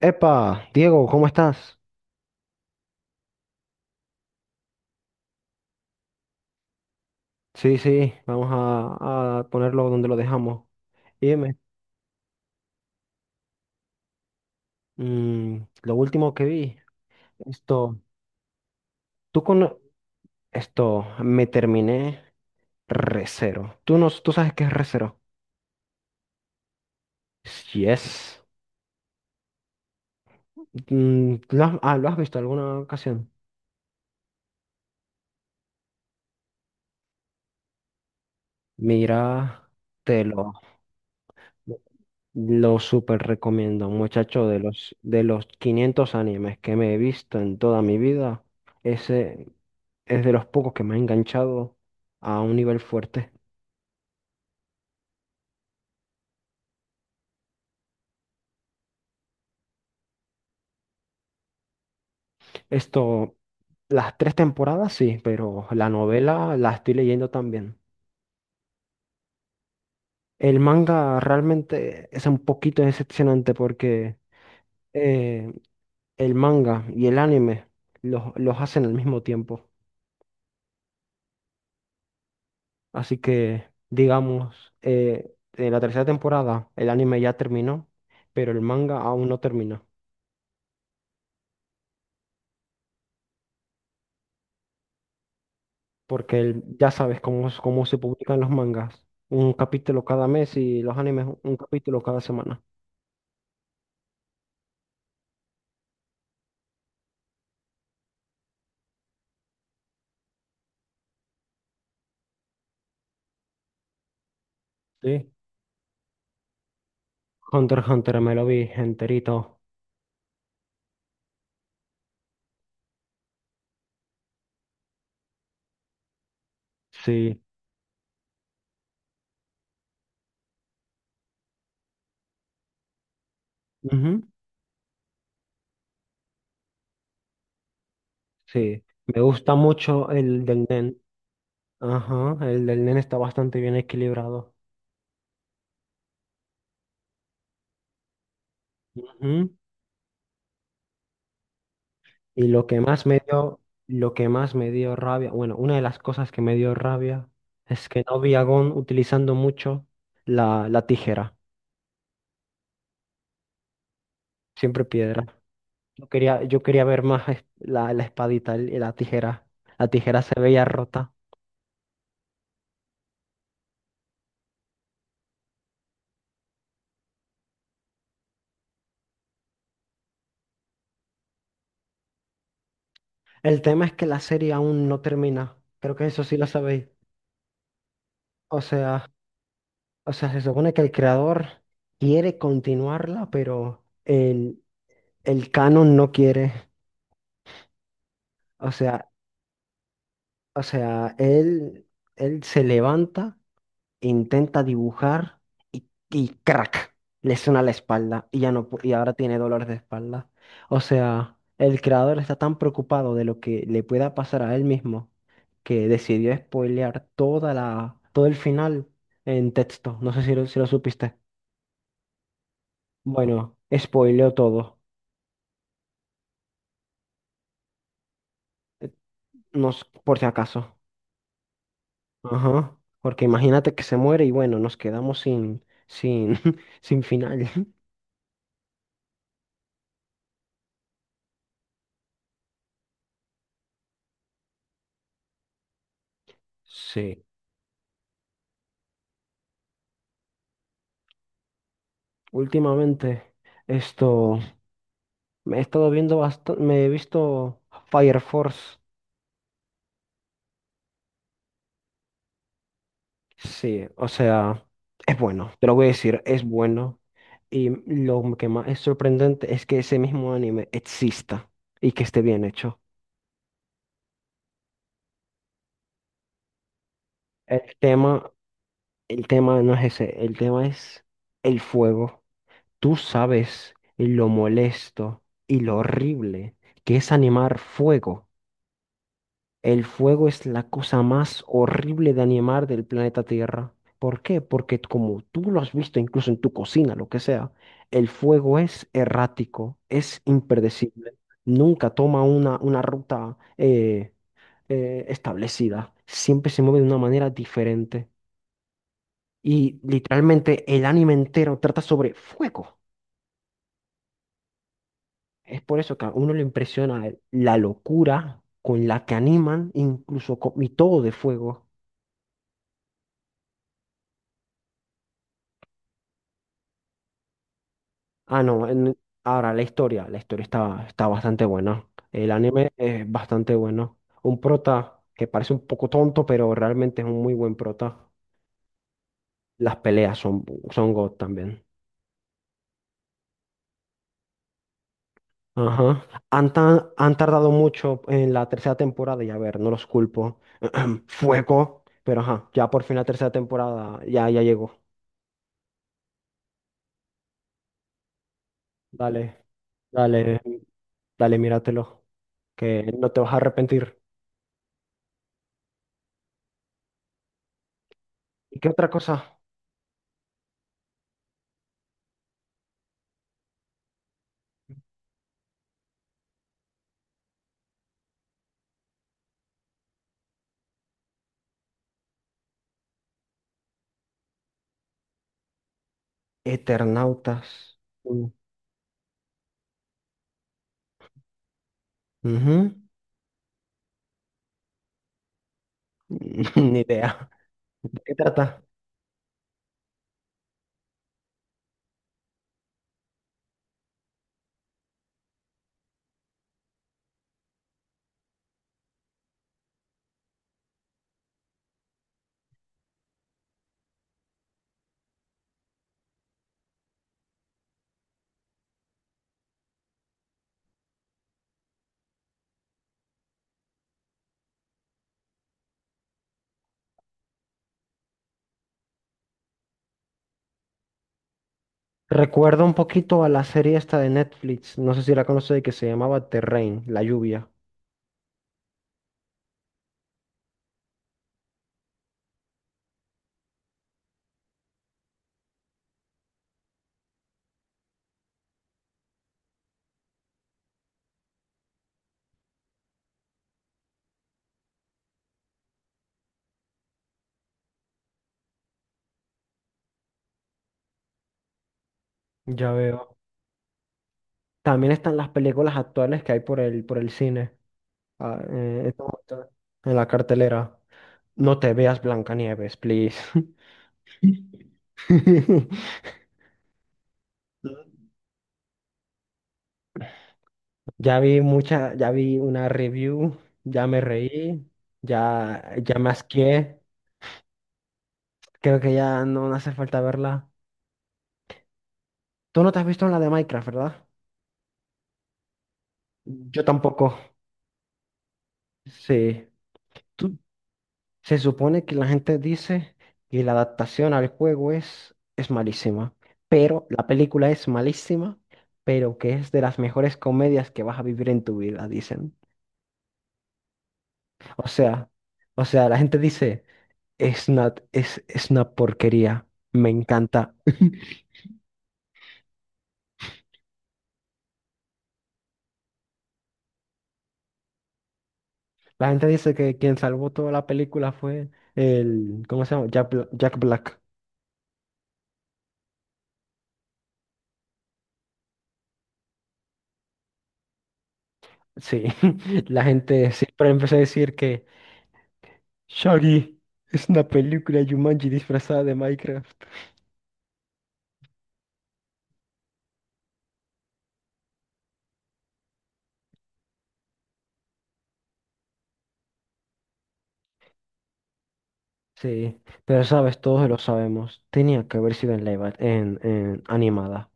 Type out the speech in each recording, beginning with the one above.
Epa, Diego, ¿cómo estás? Sí, sí, vamos a ponerlo donde lo dejamos. Y dime, mm, lo último que vi, esto, tú con esto, me terminé Recero. ¿Tú, no, tú sabes qué es Recero? Yes. ¿Lo has, ah, ¿lo has visto alguna ocasión? Mira, te lo súper recomiendo, muchacho, de los 500 animes que me he visto en toda mi vida, ese es de los pocos que me ha enganchado a un nivel fuerte. Esto, las tres temporadas sí, pero la novela la estoy leyendo también. El manga realmente es un poquito decepcionante porque eh, el manga y el anime los hacen al mismo tiempo. Así que, digamos, en la tercera temporada el anime ya terminó, pero el manga aún no termina, porque ya sabes cómo, cómo se publican los mangas, un capítulo cada mes y los animes un capítulo cada semana. Sí. Hunter x Hunter me lo vi enterito, sí. Ujú. Sí, me gusta mucho el del Nen, ajá, el del Nen está bastante bien equilibrado. Ujú. Y lo que más me dio, lo que más me dio rabia, bueno, una de las cosas que me dio rabia es que no vi a Gon utilizando mucho la tijera, siempre piedra. Yo quería ver más la, la espadita y la tijera. La tijera se veía rota. El tema es que la serie aún no termina. Creo que eso sí lo sabéis. O sea, o sea, se supone que el creador quiere continuarla, pero el canon no quiere. O sea, O sea, él se levanta, intenta dibujar y crack, le suena la espalda y ya no, y ahora tiene dolor de espalda. O sea, el creador está tan preocupado de lo que le pueda pasar a él mismo que decidió spoilear toda la, todo el final en texto. No sé si lo, si lo supiste. Bueno, spoileó todo, nos, por si acaso. Ajá, porque imagínate que se muere y bueno, nos quedamos sin, sin, sin final. Sí, últimamente esto me he estado viendo bastante, me he visto Fire Force. Sí, o sea, es bueno, te lo voy a decir, es bueno. Y lo que más es sorprendente es que ese mismo anime exista y que esté bien hecho. El tema, el tema no es ese, el tema es el fuego. Tú sabes lo molesto y lo horrible que es animar fuego. El fuego es la cosa más horrible de animar del planeta Tierra. ¿Por qué? Porque como tú lo has visto incluso en tu cocina, lo que sea, el fuego es errático, es impredecible, nunca toma una ruta establecida, siempre se mueve de una manera diferente. Y literalmente el anime entero trata sobre fuego. Es por eso que a uno le impresiona la locura con la que animan, incluso con, y todo de fuego. Ah, no. Ahora, la historia. La historia está, está bastante buena. El anime es bastante bueno. Un prota que parece un poco tonto, pero realmente es un muy buen prota. Las peleas son, son God también. Ajá. Han, han tardado mucho en la tercera temporada y a ver, no los culpo. Fuego. Pero ajá, ya por fin la tercera temporada ya, ya llegó. Dale, dale, dale, míratelo. Que no te vas a arrepentir. ¿Y qué otra cosa? Eternautas. Mm. Ujú. Ni idea. ¿De qué trata? Recuerda un poquito a la serie esta de Netflix, no sé si la conoces, que se llamaba The Rain, La Lluvia. Ya veo. También están las películas actuales que hay por el cine, ah, en este momento, en la cartelera. No te veas Blancanieves, please. Ya vi mucha, ya vi una review, ya me reí, ya, ya me asqué. Creo que ya no no hace falta verla. Tú no te has visto la de Minecraft, ¿verdad? Yo tampoco. Sí. Tú- se supone que la gente dice que la adaptación al juego es malísima, pero la película es malísima, pero que es de las mejores comedias que vas a vivir en tu vida, dicen. O sea, o sea, la gente dice, es una porquería, me encanta. La gente dice que quien salvó toda la película fue el, ¿cómo se llama? Jack Black. Sí, la gente siempre empezó a decir Shaggy es una película Jumanji disfrazada de Minecraft. Sí, pero sabes, todos lo sabemos. Tenía que haber sido en live, en animada.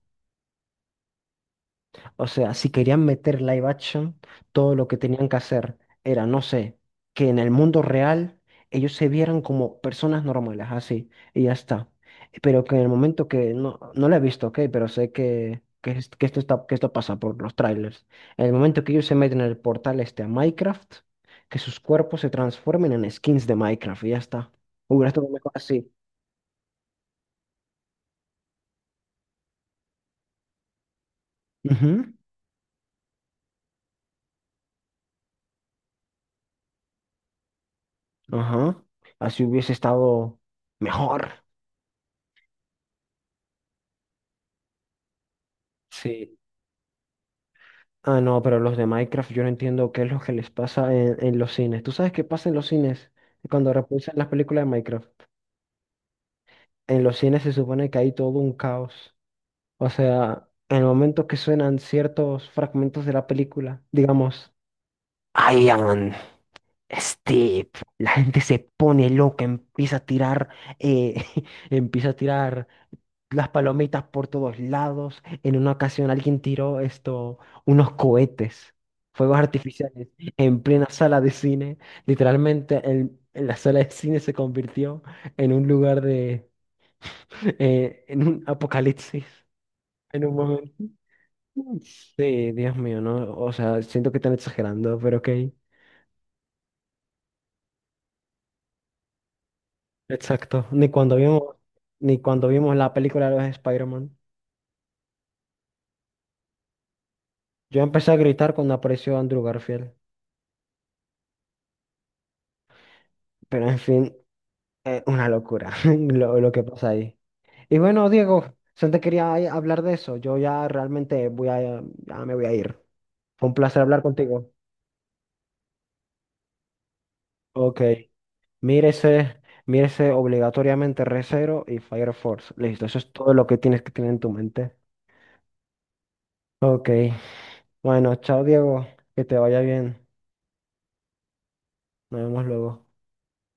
O sea, si querían meter live action, todo lo que tenían que hacer era, no sé, que en el mundo real ellos se vieran como personas normales, así, y ya está. Pero que en el momento que, no, no lo he visto, ok, pero sé que, que esto está, que esto pasa por los trailers. En el momento que ellos se meten en el portal este a Minecraft, que sus cuerpos se transformen en skins de Minecraft, y ya está. Hubiera estado mejor así. Ujú. Ajá. Así hubiese estado mejor. Sí. Ah, no, pero los de Minecraft yo no entiendo qué es lo que les pasa en los cines. ¿Tú sabes qué pasa en los cines cuando repulsan las películas de Minecraft? En los cines se supone que hay todo un caos. O sea, en el momento que suenan ciertos fragmentos de la película, digamos, Steve, la gente se pone loca, empieza a tirar, eh, empieza a tirar las palomitas por todos lados. En una ocasión alguien tiró esto, unos cohetes, fuegos artificiales, en plena sala de cine. Literalmente la sala de cine se convirtió en un lugar de, en un apocalipsis, en un momento. Sí, Dios mío, no, o sea, siento que están exagerando, pero ok. Exacto, ni cuando vimos la película de los Spider-Man. Yo empecé a gritar cuando apareció Andrew Garfield, pero en fin, una locura lo que pasa ahí. Y bueno, Diego, solo te quería ahí hablar de eso. Yo ya realmente voy a, ya me voy a ir. Fue un placer hablar contigo. Ok, mírese, mírese obligatoriamente Re:Zero y Fire Force. Listo, eso es todo lo que tienes que tener en tu mente. Ok, bueno, chao Diego, que te vaya bien. Nos vemos luego.